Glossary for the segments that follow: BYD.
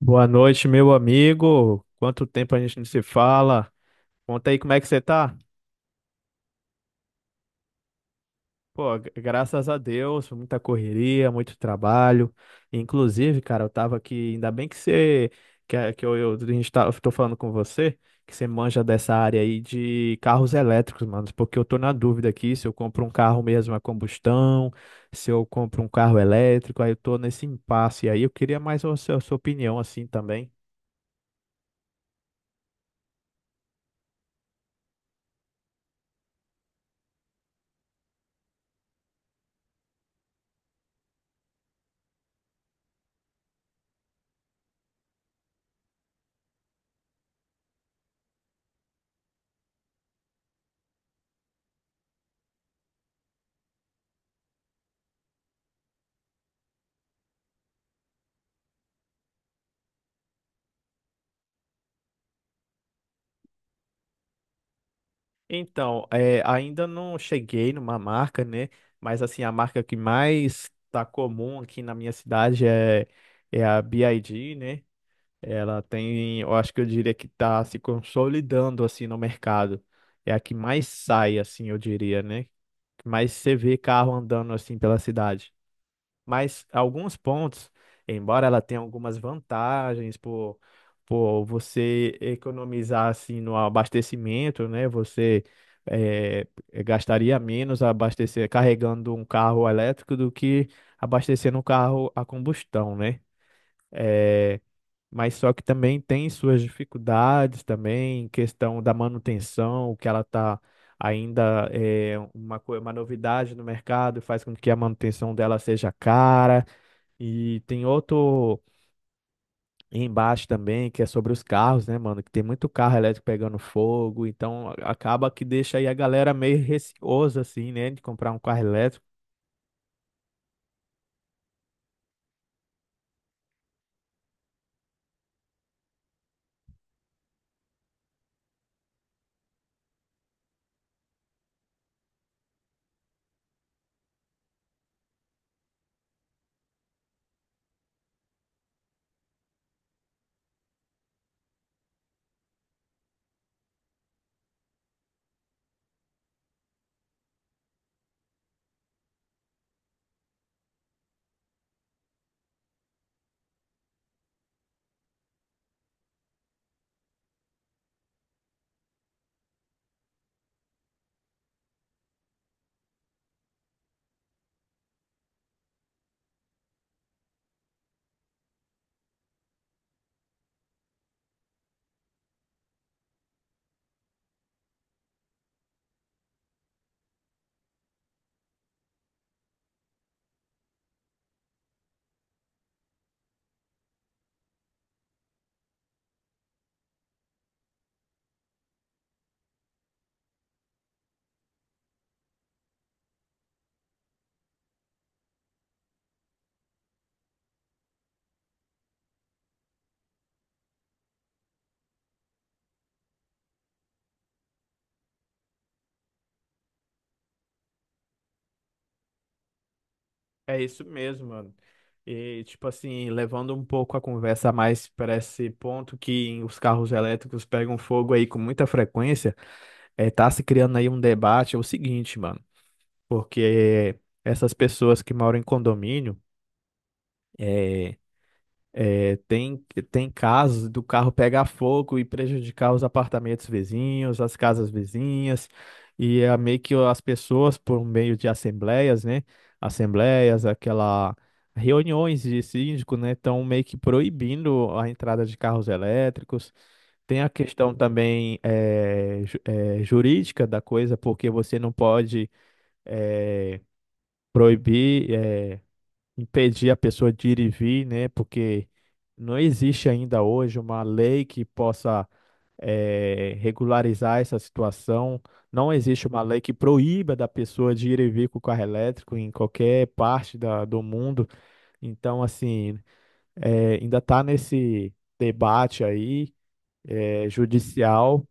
Boa noite, meu amigo. Quanto tempo a gente não se fala? Conta aí como é que você tá? Pô, graças a Deus, muita correria, muito trabalho. Inclusive, cara, eu tava aqui, ainda bem que você, que, a- que eu, a gente tá, eu tô falando com você, que você manja dessa área aí de carros elétricos, mano, porque eu tô na dúvida aqui se eu compro um carro mesmo a combustão, se eu compro um carro elétrico, aí eu tô nesse impasse aí. Eu queria mais a sua opinião assim também. Então, é, ainda não cheguei numa marca, né? Mas assim, a marca que mais tá comum aqui na minha cidade é a BYD, né? Ela tem, eu acho que eu diria que tá se consolidando assim no mercado. É a que mais sai, assim, eu diria, né? Que mais você vê carro andando assim pela cidade. Mas alguns pontos, embora ela tenha algumas vantagens por você economizar assim no abastecimento, né? Você gastaria menos abastecer carregando um carro elétrico do que abastecendo um carro a combustão, né? Eh, mas só que também tem suas dificuldades também, questão da manutenção, que ela está ainda é uma novidade no mercado, faz com que a manutenção dela seja cara. E tem outro embaixo também, que é sobre os carros, né, mano? Que tem muito carro elétrico pegando fogo, então acaba que deixa aí a galera meio receosa, assim, né, de comprar um carro elétrico. É isso mesmo, mano. E, tipo assim, levando um pouco a conversa mais para esse ponto que os carros elétricos pegam fogo aí com muita frequência, é, tá se criando aí um debate, é o seguinte, mano, porque essas pessoas que moram em condomínio, é, É, tem, tem casos do carro pegar fogo e prejudicar os apartamentos vizinhos, as casas vizinhas, e é meio que as pessoas, por meio de assembleias, né? Assembleias, aquela reuniões de síndico, né? Estão meio que proibindo a entrada de carros elétricos. Tem a questão também jurídica da coisa, porque você não pode eh, proibir. Impedir a pessoa de ir e vir, né? Porque não existe ainda hoje uma lei que possa regularizar essa situação. Não existe uma lei que proíba da pessoa de ir e vir com o carro elétrico em qualquer parte do mundo. Então, assim, ainda está nesse debate aí judicial.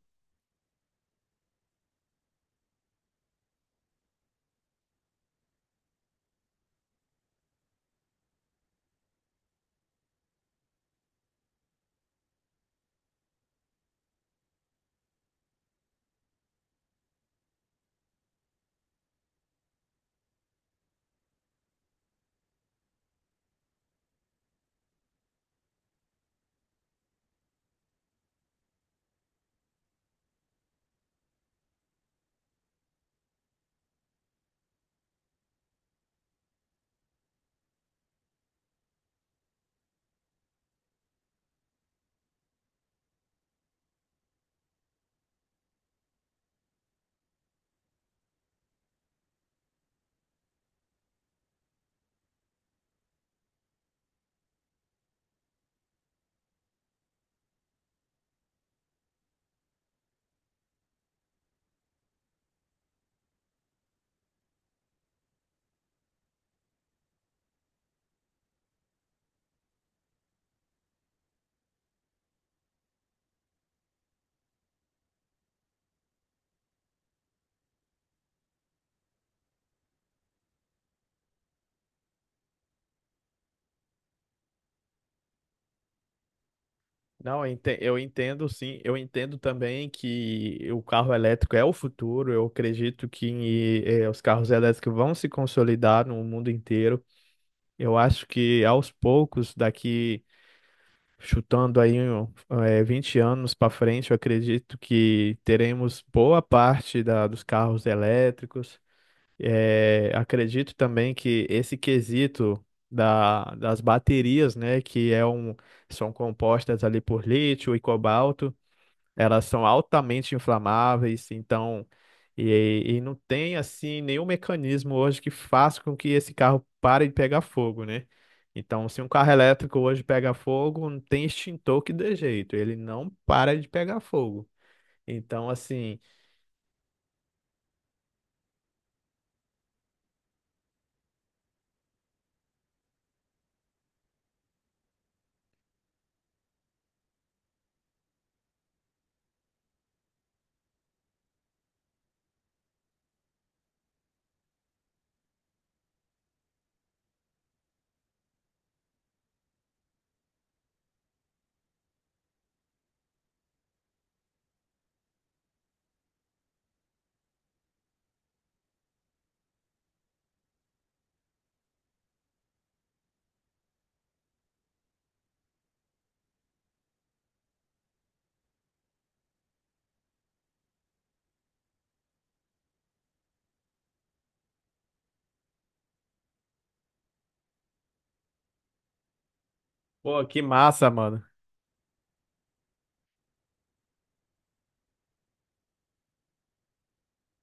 Não, eu entendo sim, eu entendo também que o carro elétrico é o futuro, eu acredito que os carros elétricos vão se consolidar no mundo inteiro. Eu acho que aos poucos, daqui chutando aí um, eh, 20 anos para frente, eu acredito que teremos boa parte dos carros elétricos. Acredito também que esse quesito das baterias, né, que é um, são compostas ali por lítio e cobalto. Elas são altamente inflamáveis, então, e não tem assim nenhum mecanismo hoje que faça com que esse carro pare de pegar fogo, né? Então, se um carro elétrico hoje pega fogo, não tem extintor que dê jeito, ele não para de pegar fogo. Então, assim, pô, que massa, mano.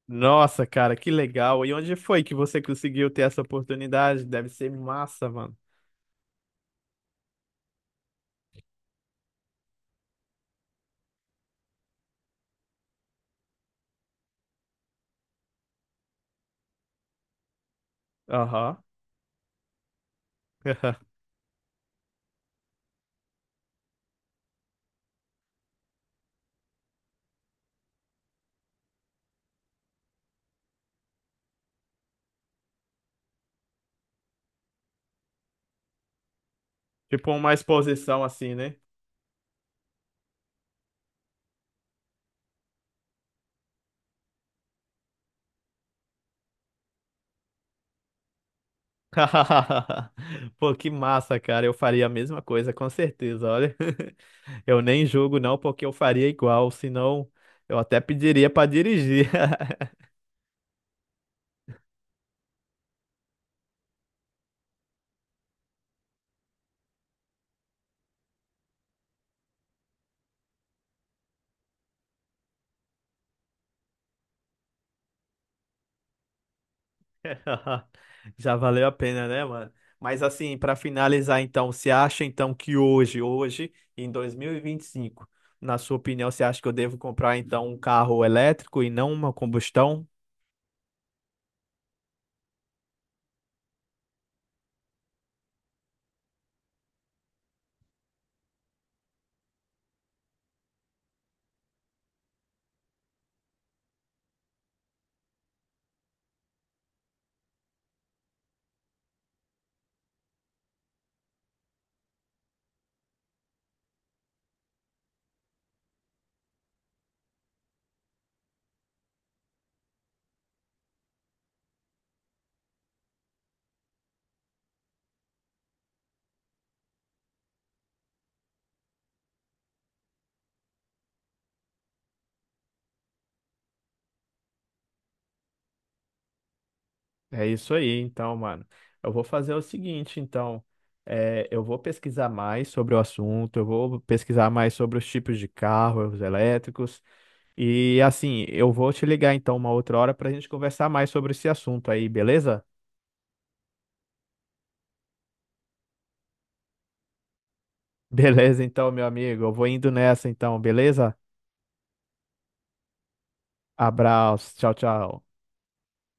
Nossa, cara, que legal. E onde foi que você conseguiu ter essa oportunidade? Deve ser massa, mano. Aham. Tipo uma exposição assim, né? Pô, que massa, cara. Eu faria a mesma coisa, com certeza. Olha, eu nem julgo não, porque eu faria igual, senão eu até pediria pra dirigir. Já valeu a pena, né, mano? Mas assim, pra finalizar então, você acha então que hoje, hoje, em 2025, na sua opinião, você acha que eu devo comprar então um carro elétrico e não uma combustão? É isso aí, então, mano. Eu vou fazer o seguinte, então. É, eu vou pesquisar mais sobre o assunto, eu vou pesquisar mais sobre os tipos de carros elétricos. E assim, eu vou te ligar então uma outra hora pra gente conversar mais sobre esse assunto aí, beleza? Beleza, então, meu amigo. Eu vou indo nessa, então, beleza? Abraço, tchau, tchau.